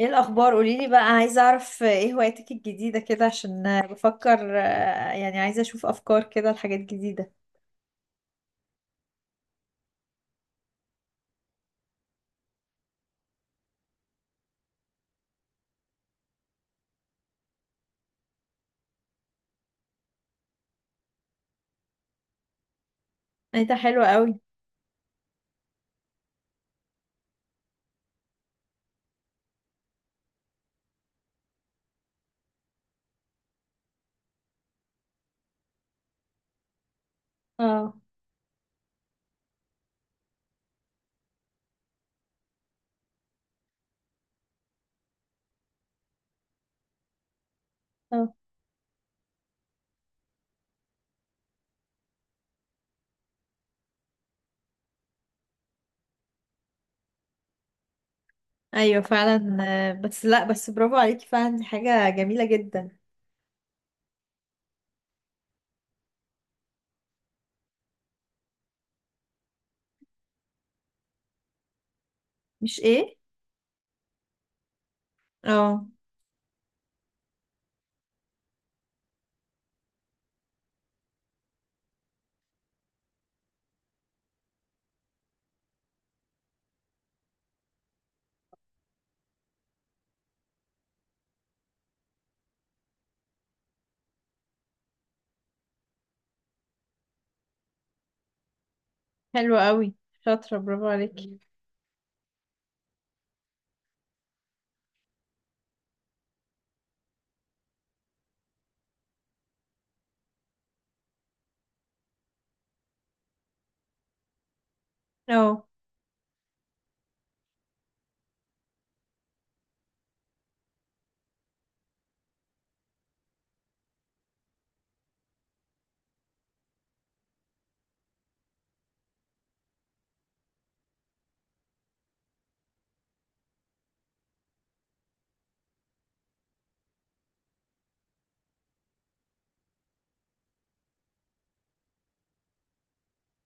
ايه الاخبار قوليلي بقى. عايزه اعرف ايه هواياتك الجديده كده عشان بفكر، يعني عايزه اشوف افكار كده لحاجات جديده. انت حلوه قوي. اه. اه. ايوه فعلا. بس لا بس برافو عليكي فعلا، دي حاجه جميله جدا. مش ايه. اه. حلوه قوي. شاطره، برافو عليكي. اه.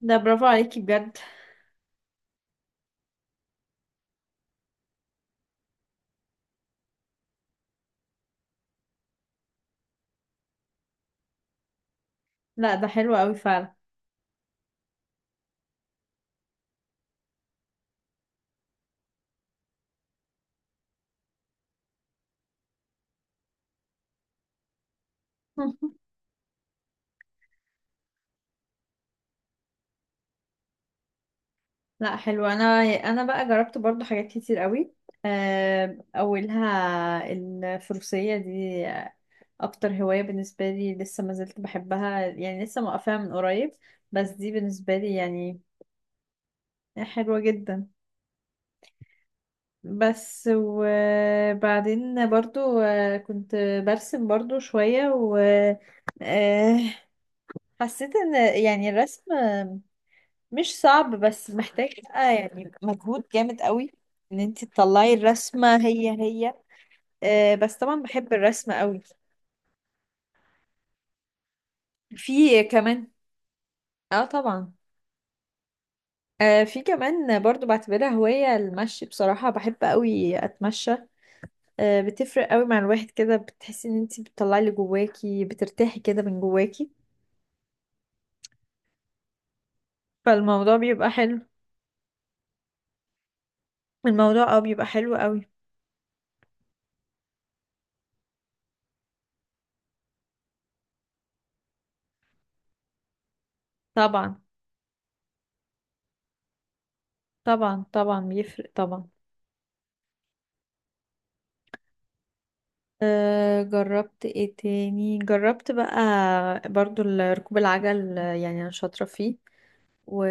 ده برافو عليكي بجد. لا، ده حلو قوي فعلا. لا حلو. انا بقى جربت برضو حاجات كتير قوي. اولها الفروسيه دي، اكتر هواية بالنسبة لي، لسه ما زلت بحبها يعني، لسه موقفاها من قريب، بس دي بالنسبة لي يعني حلوة جدا. بس وبعدين برضو كنت برسم برضو شوية و آه، حسيت ان يعني الرسم مش صعب، بس محتاج بقى يعني مجهود جامد قوي ان انت تطلعي الرسمة هي هي. بس طبعا بحب الرسم قوي. في كمان. اه طبعا. في كمان برضو بعتبرها هواية المشي. بصراحة بحب قوي أتمشى. بتفرق قوي مع الواحد كده، بتحسي إن انتي بتطلعي اللي جواكي، بترتاحي كده من جواكي، فالموضوع بيبقى حلو. الموضوع بيبقى حلو قوي. طبعا، طبعا، طبعا بيفرق طبعا. أه، جربت ايه تاني. جربت بقى برضو ركوب العجل، يعني أنا شاطرة فيه. و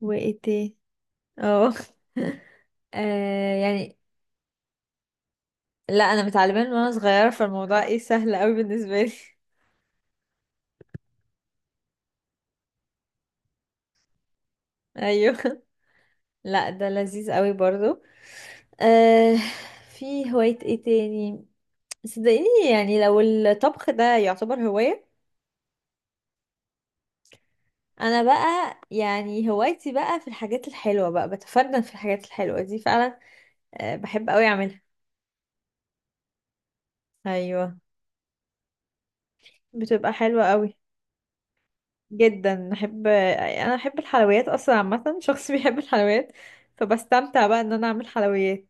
وايه تاني. اه. يعني لا انا متعلمه من وانا صغيره، فالموضوع ايه سهل قوي بالنسبه لي. ايوه. لا، ده لذيذ قوي برضو. آه. في هوايه ايه تاني. صدقيني، يعني لو الطبخ ده يعتبر هوايه، انا بقى يعني هوايتي بقى في الحاجات الحلوه، بقى بتفنن في الحاجات الحلوه دي فعلا. بحب قوي اعملها. ايوه. بتبقى حلوه قوي جدا. انا بحب الحلويات اصلا عامه، شخص بيحب الحلويات. فبستمتع بقى ان انا اعمل حلويات.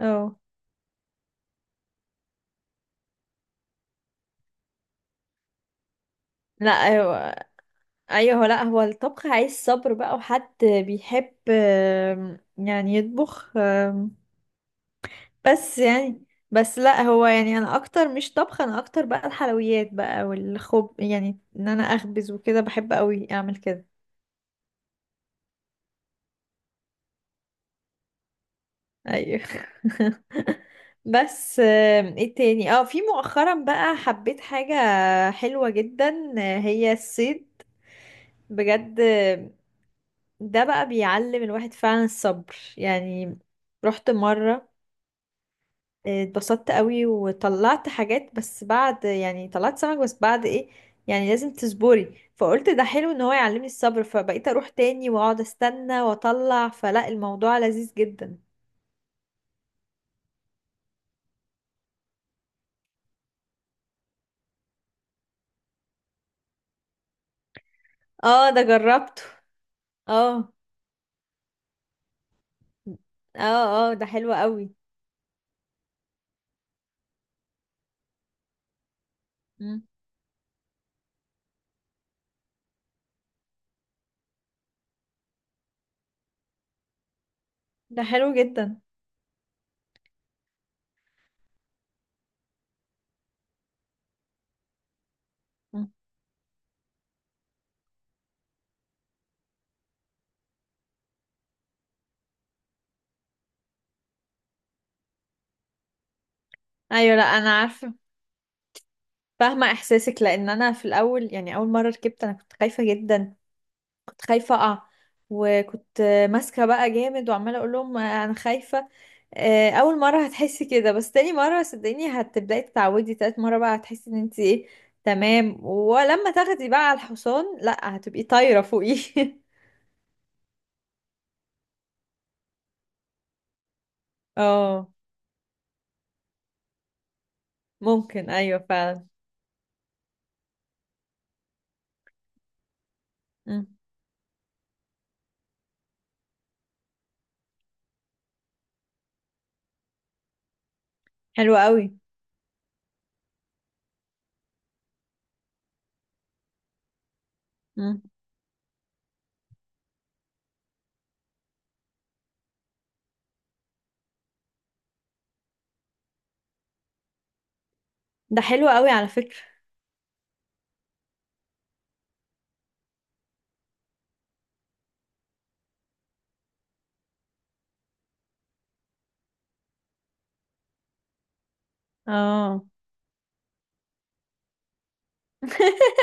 اه، لا، ايوه. ايوه، لا هو الطبخ عايز صبر بقى، وحد بيحب يعني يطبخ. بس يعني، بس لا هو يعني انا اكتر مش طبخ، انا اكتر بقى الحلويات بقى، والخب يعني ان انا اخبز وكده بحب قوي اعمل كده. ايوه. بس ايه تاني. اه في مؤخرا بقى حبيت حاجة حلوة جدا، هي الصيد بجد. ده بقى بيعلم الواحد فعلا الصبر يعني. رحت مرة، اتبسطت قوي وطلعت حاجات، بس بعد يعني طلعت سمك، بس بعد ايه يعني لازم تصبري. فقلت ده حلو ان هو يعلمني الصبر، فبقيت اروح تاني واقعد استنى واطلع. فلا، الموضوع لذيذ جدا. اه، ده جربته. اه. اه، اه، ده حلو قوي. مم. ده حلو جدا. مم. ايوه، لا انا عارفه، فاهمه احساسك. لان انا في الاول يعني، اول مره ركبت انا كنت خايفه جدا. كنت خايفة أقع، وكنت ماسكة بقى جامد، وعمالة أقول لهم أنا خايفة. أول مرة هتحسي كده، بس تاني مرة صدقيني هتبدأي تتعودي. تالت مرة بقى هتحسي إن أنت إيه، تمام. ولما تاخدي بقى على الحصان، لأ هتبقي طايرة فوقيه. اه، ممكن أيوة فعلا. مم. حلو قوي. مم. ده حلو قوي على فكرة. اه.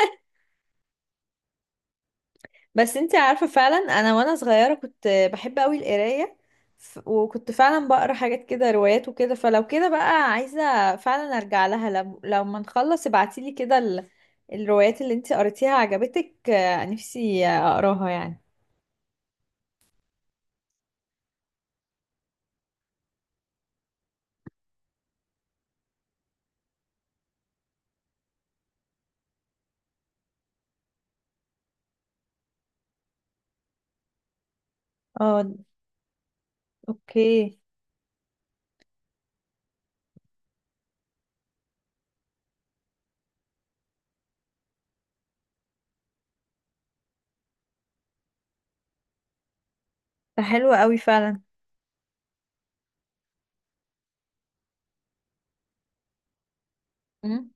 بس انتي عارفة، فعلا انا وانا صغيرة كنت بحب قوي القراية. وكنت فعلا بقرا حاجات كده، روايات وكده. فلو كده بقى عايزة فعلا ارجع لها. لو ما نخلص ابعتيلي كده الروايات اللي انتي قريتيها عجبتك. نفسي اقراها يعني. اه، اوكي. ده حلو قوي فعلا. امم.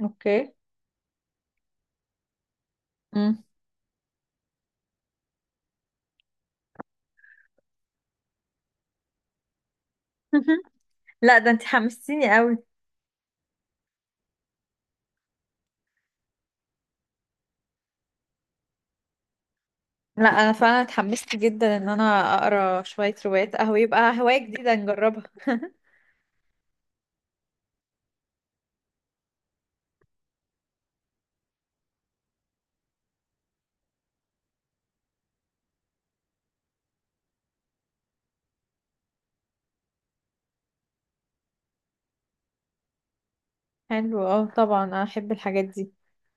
اوكي. امم. لا، ده انتي حمستيني قوي. لا، انا فعلا اتحمست جدا ان انا اقرا شوية روايات قهوة، يبقى هواية جديدة نجربها. حلو، اه طبعا احب الحاجات دي.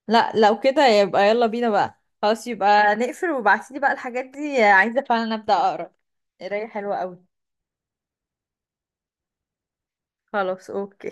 لا لو كده يبقى يلا بينا بقى، خلاص يبقى نقفل، وابعتيلي بقى الحاجات دي، عايزة فعلا ابدأ اقرا قراية حلوة قوي. خلاص، اوكي.